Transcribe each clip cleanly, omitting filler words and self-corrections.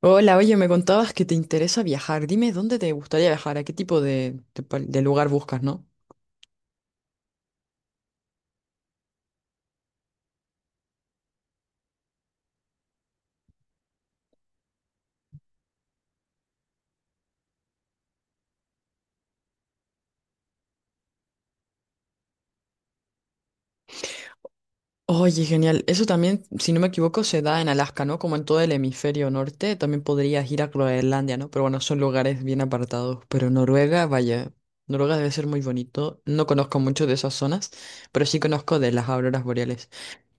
Hola, oye, me contabas que te interesa viajar. Dime dónde te gustaría viajar, a qué tipo de lugar buscas, ¿no? Oye, genial. Eso también, si no me equivoco, se da en Alaska, ¿no? Como en todo el hemisferio norte, también podrías ir a Groenlandia, ¿no? Pero bueno, son lugares bien apartados. Pero Noruega, vaya, Noruega debe ser muy bonito. No conozco mucho de esas zonas, pero sí conozco de las auroras boreales.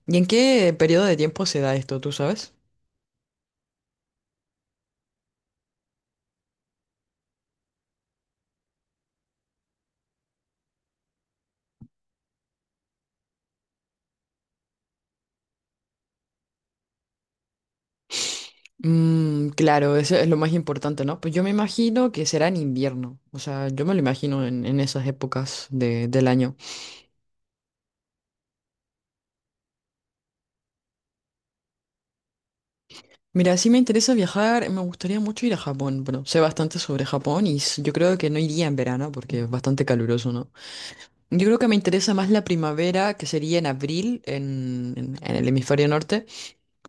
¿Y en qué periodo de tiempo se da esto, tú sabes? Mm, claro, eso es lo más importante, ¿no? Pues yo me imagino que será en invierno, o sea, yo me lo imagino en esas épocas de- del año. Mira, si me interesa viajar, me gustaría mucho ir a Japón. Bueno, sé bastante sobre Japón y s- yo creo que no iría en verano porque es bastante caluroso, ¿no? Yo creo que me interesa más la primavera, que sería en abril, en el hemisferio norte.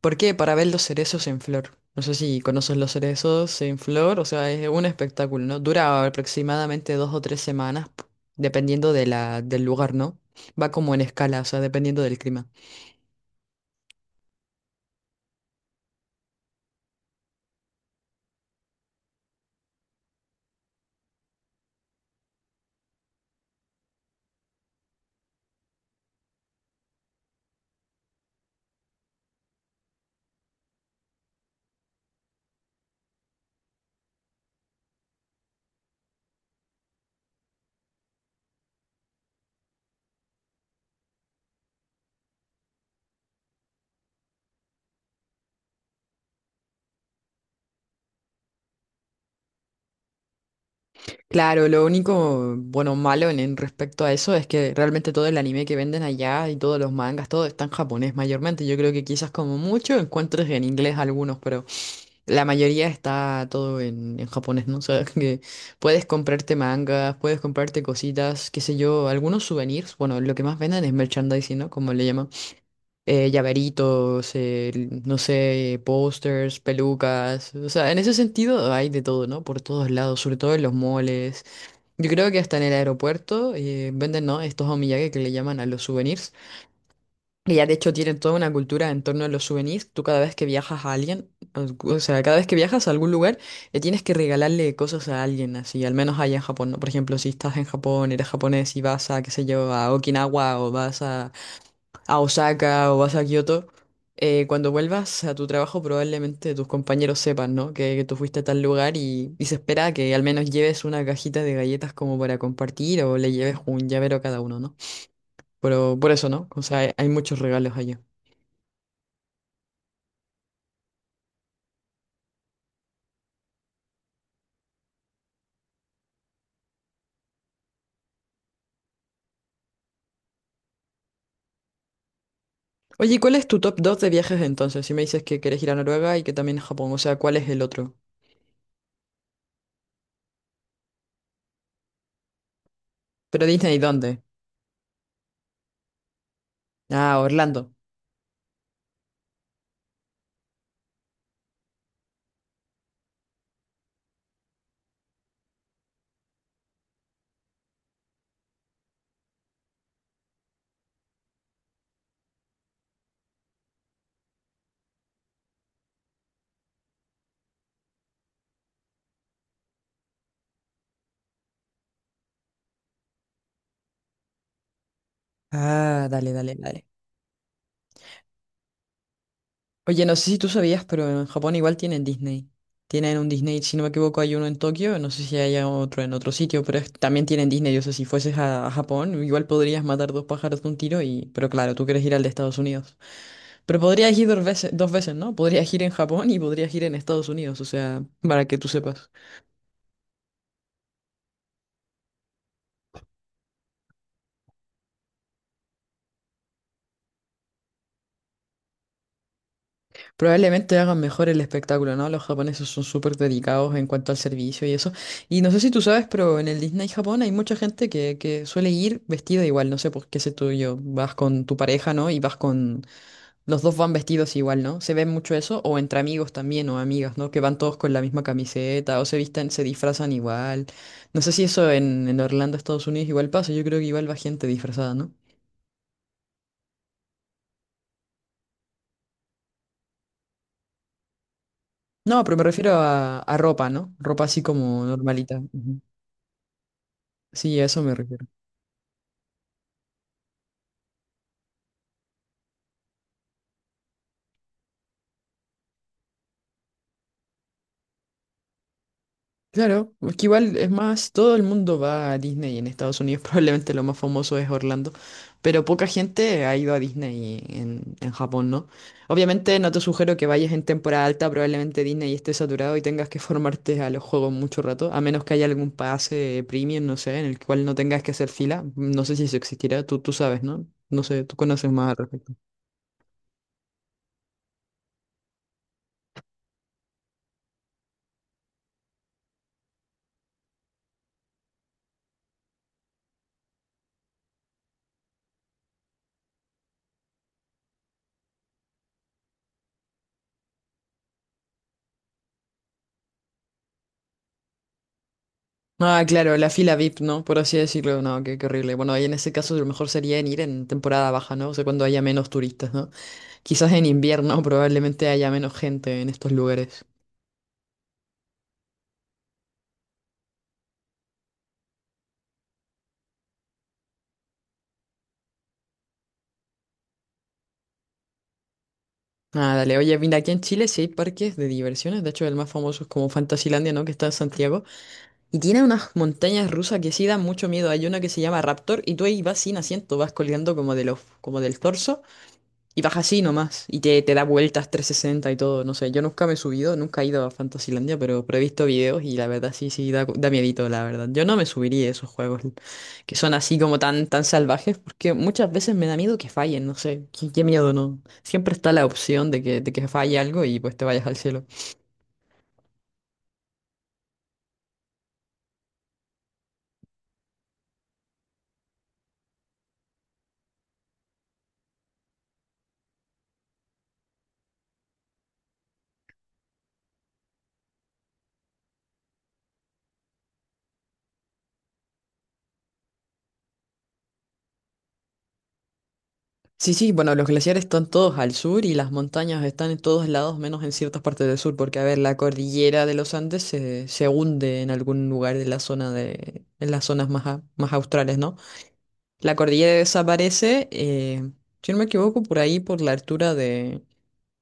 ¿Por qué? Para ver los cerezos en flor. No sé si conoces los cerezos en flor, o sea, es un espectáculo, ¿no? Dura aproximadamente dos o tres semanas, p- dependiendo de del lugar, ¿no? Va como en escala, o sea, dependiendo del clima. Claro, lo único, bueno, malo en respecto a eso es que realmente todo el anime que venden allá y todos los mangas, todo está en japonés mayormente. Yo creo que quizás como mucho encuentres en inglés algunos, pero... La mayoría está todo en japonés, ¿no? O sea, que puedes comprarte mangas, puedes comprarte cositas, qué sé yo, algunos souvenirs. Bueno, lo que más venden es merchandising, ¿no? Como le llaman. Llaveritos, no sé, pósters, pelucas. O sea, en ese sentido hay de todo, ¿no? Por todos lados, sobre todo en los moles. Yo creo que hasta en el aeropuerto venden, ¿no? Estos omiyage que le llaman a los souvenirs. Ella de hecho tiene toda una cultura en torno a los souvenirs. Tú cada vez que viajas a alguien, o sea, cada vez que viajas a algún lugar, le tienes que regalarle cosas a alguien, así, al menos allá en Japón, ¿no? Por ejemplo, si estás en Japón, eres japonés y vas a, qué sé yo, a Okinawa o vas a Osaka o vas a Kioto, cuando vuelvas a tu trabajo probablemente tus compañeros sepan, ¿no? Que tú fuiste a tal lugar y se espera que al menos lleves una cajita de galletas como para compartir o le lleves un llavero a cada uno, ¿no? Pero por eso, ¿no? O sea, hay muchos regalos allá. Oye, ¿cuál es tu top 2 de viajes entonces? Si me dices que querés ir a Noruega y que también a Japón, o sea, ¿cuál es el otro? Pero Disney, ¿dónde? Ah, Orlando. Ah, dale, dale, dale. Oye, no sé si tú sabías, pero en Japón igual tienen Disney. Tienen un Disney, si no me equivoco, hay uno en Tokio, no sé si hay otro en otro sitio, pero es- también tienen Disney. O sea, si fueses a Japón, igual podrías matar dos pájaros de un tiro y... Pero claro, tú quieres ir al de Estados Unidos. Pero podrías ir dos veces, ¿no? Podrías ir en Japón y podrías ir en Estados Unidos, o sea, para que tú sepas. Probablemente hagan mejor el espectáculo, ¿no? Los japoneses son súper dedicados en cuanto al servicio y eso. Y no sé si tú sabes, pero en el Disney Japón hay mucha gente que suele ir vestida igual, no sé por qué sé tú y yo. Vas con tu pareja, ¿no? Y vas con... Los dos van vestidos igual, ¿no? Se ve mucho eso, o entre amigos también, o amigas, ¿no? Que van todos con la misma camiseta, o se visten, se disfrazan igual. No sé si eso en Orlando, Estados Unidos, igual pasa. Yo creo que igual va gente disfrazada, ¿no? No, pero me refiero a ropa, ¿no? Ropa así como normalita. Ujú. Sí, a eso me refiero. Claro, es que igual es más, todo el mundo va a Disney y en Estados Unidos, probablemente lo más famoso es Orlando, pero poca gente ha ido a Disney en Japón, ¿no? Obviamente no te sugiero que vayas en temporada alta, probablemente Disney esté saturado y tengas que formarte a los juegos mucho rato, a menos que haya algún pase premium, no sé, en el cual no tengas que hacer fila, no sé si eso existirá, tú sabes, ¿no? No sé, tú conoces más al respecto. Ah, claro, la fila VIP, ¿no? Por así decirlo, no, qué, qué horrible. Bueno, ahí en ese caso lo mejor sería en ir en temporada baja, ¿no? O sea, cuando haya menos turistas, ¿no? Quizás en invierno probablemente haya menos gente en estos lugares. Ah, dale, oye, mira, aquí en Chile sí hay parques de diversiones, de hecho el más famoso es como Fantasilandia, ¿no? Que está en Santiago. Y tiene unas montañas rusas que sí dan mucho miedo. Hay una que se llama Raptor y tú ahí vas sin asiento, vas colgando como de los, como del torso. Y baja así nomás, y te da vueltas 360 y todo, no sé, yo nunca me he subido, nunca he ido a Fantasylandia, pero he visto videos y la verdad sí, sí, da, da miedito, la verdad. Yo no me subiría a esos juegos que son así como tan, tan salvajes, porque muchas veces me da miedo que fallen, no sé, qué, qué miedo, ¿no? Siempre está la opción de que falle algo y pues te vayas al cielo. Sí, sí, bueno, los glaciares están todos al sur y las montañas están en todos lados, menos en ciertas partes del sur, porque a ver, la cordillera de los Andes se, se hunde en algún lugar de la zona de, en las zonas más, a- más australes, ¿no? La cordillera desaparece, si no me equivoco, por ahí, por la altura de,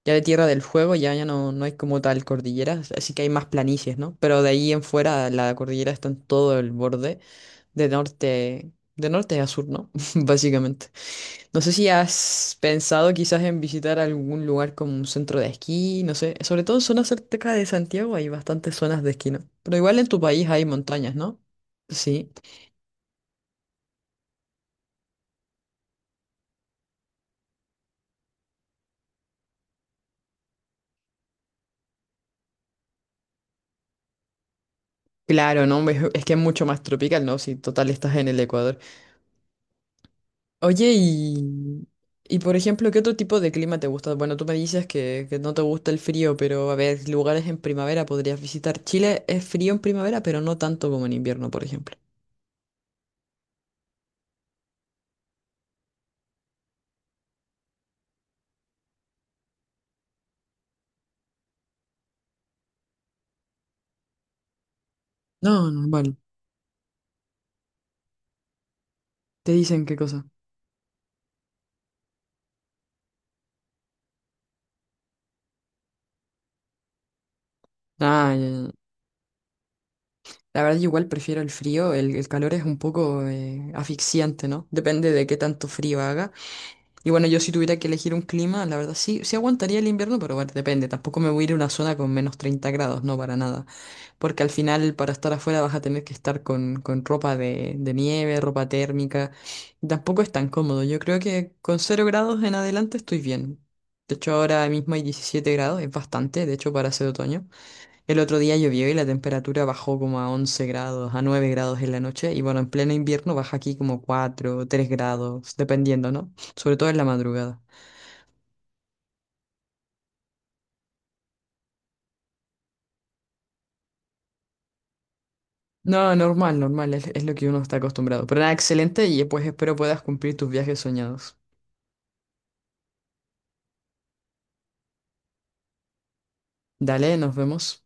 ya de Tierra del Fuego, ya, ya no, no hay como tal cordilleras así que hay más planicies, ¿no? Pero de ahí en fuera la cordillera está en todo el borde, de norte a sur, ¿no? Básicamente. No sé si has pensado quizás en visitar algún lugar como un centro de esquí, no sé, sobre todo en zonas cerca de Santiago hay bastantes zonas de esquí, ¿no? Pero igual en tu país hay montañas, ¿no? Sí, claro, ¿no? Es que es mucho más tropical, ¿no? Si total estás en el Ecuador. Oye, por ejemplo, ¿qué otro tipo de clima te gusta? Bueno, tú me dices que no te gusta el frío, pero a ver, lugares en primavera podrías visitar. Chile es frío en primavera, pero no tanto como en invierno, por ejemplo. No, no, vale. ¿Te dicen qué cosa? Ah, ya, ya, la verdad, yo igual prefiero el frío, el calor es un poco asfixiante, ¿no? Depende de qué tanto frío haga. Y bueno, yo si tuviera que elegir un clima, la verdad sí, sí aguantaría el invierno, pero bueno, depende. Tampoco me voy a ir a una zona con menos 30 grados, no para nada. Porque al final, para estar afuera, vas a tener que estar con ropa de nieve, ropa térmica. Tampoco es tan cómodo. Yo creo que con cero grados en adelante estoy bien. De hecho, ahora mismo hay 17 grados, es bastante, de hecho, para ser otoño. El otro día llovió y la temperatura bajó como a 11 grados, a 9 grados en la noche. Y bueno, en pleno invierno baja aquí como 4, 3 grados, dependiendo, ¿no? Sobre todo en la madrugada. No, normal, normal, es lo que uno está acostumbrado. Pero nada, excelente y pues espero puedas cumplir tus viajes soñados. Dale, nos vemos.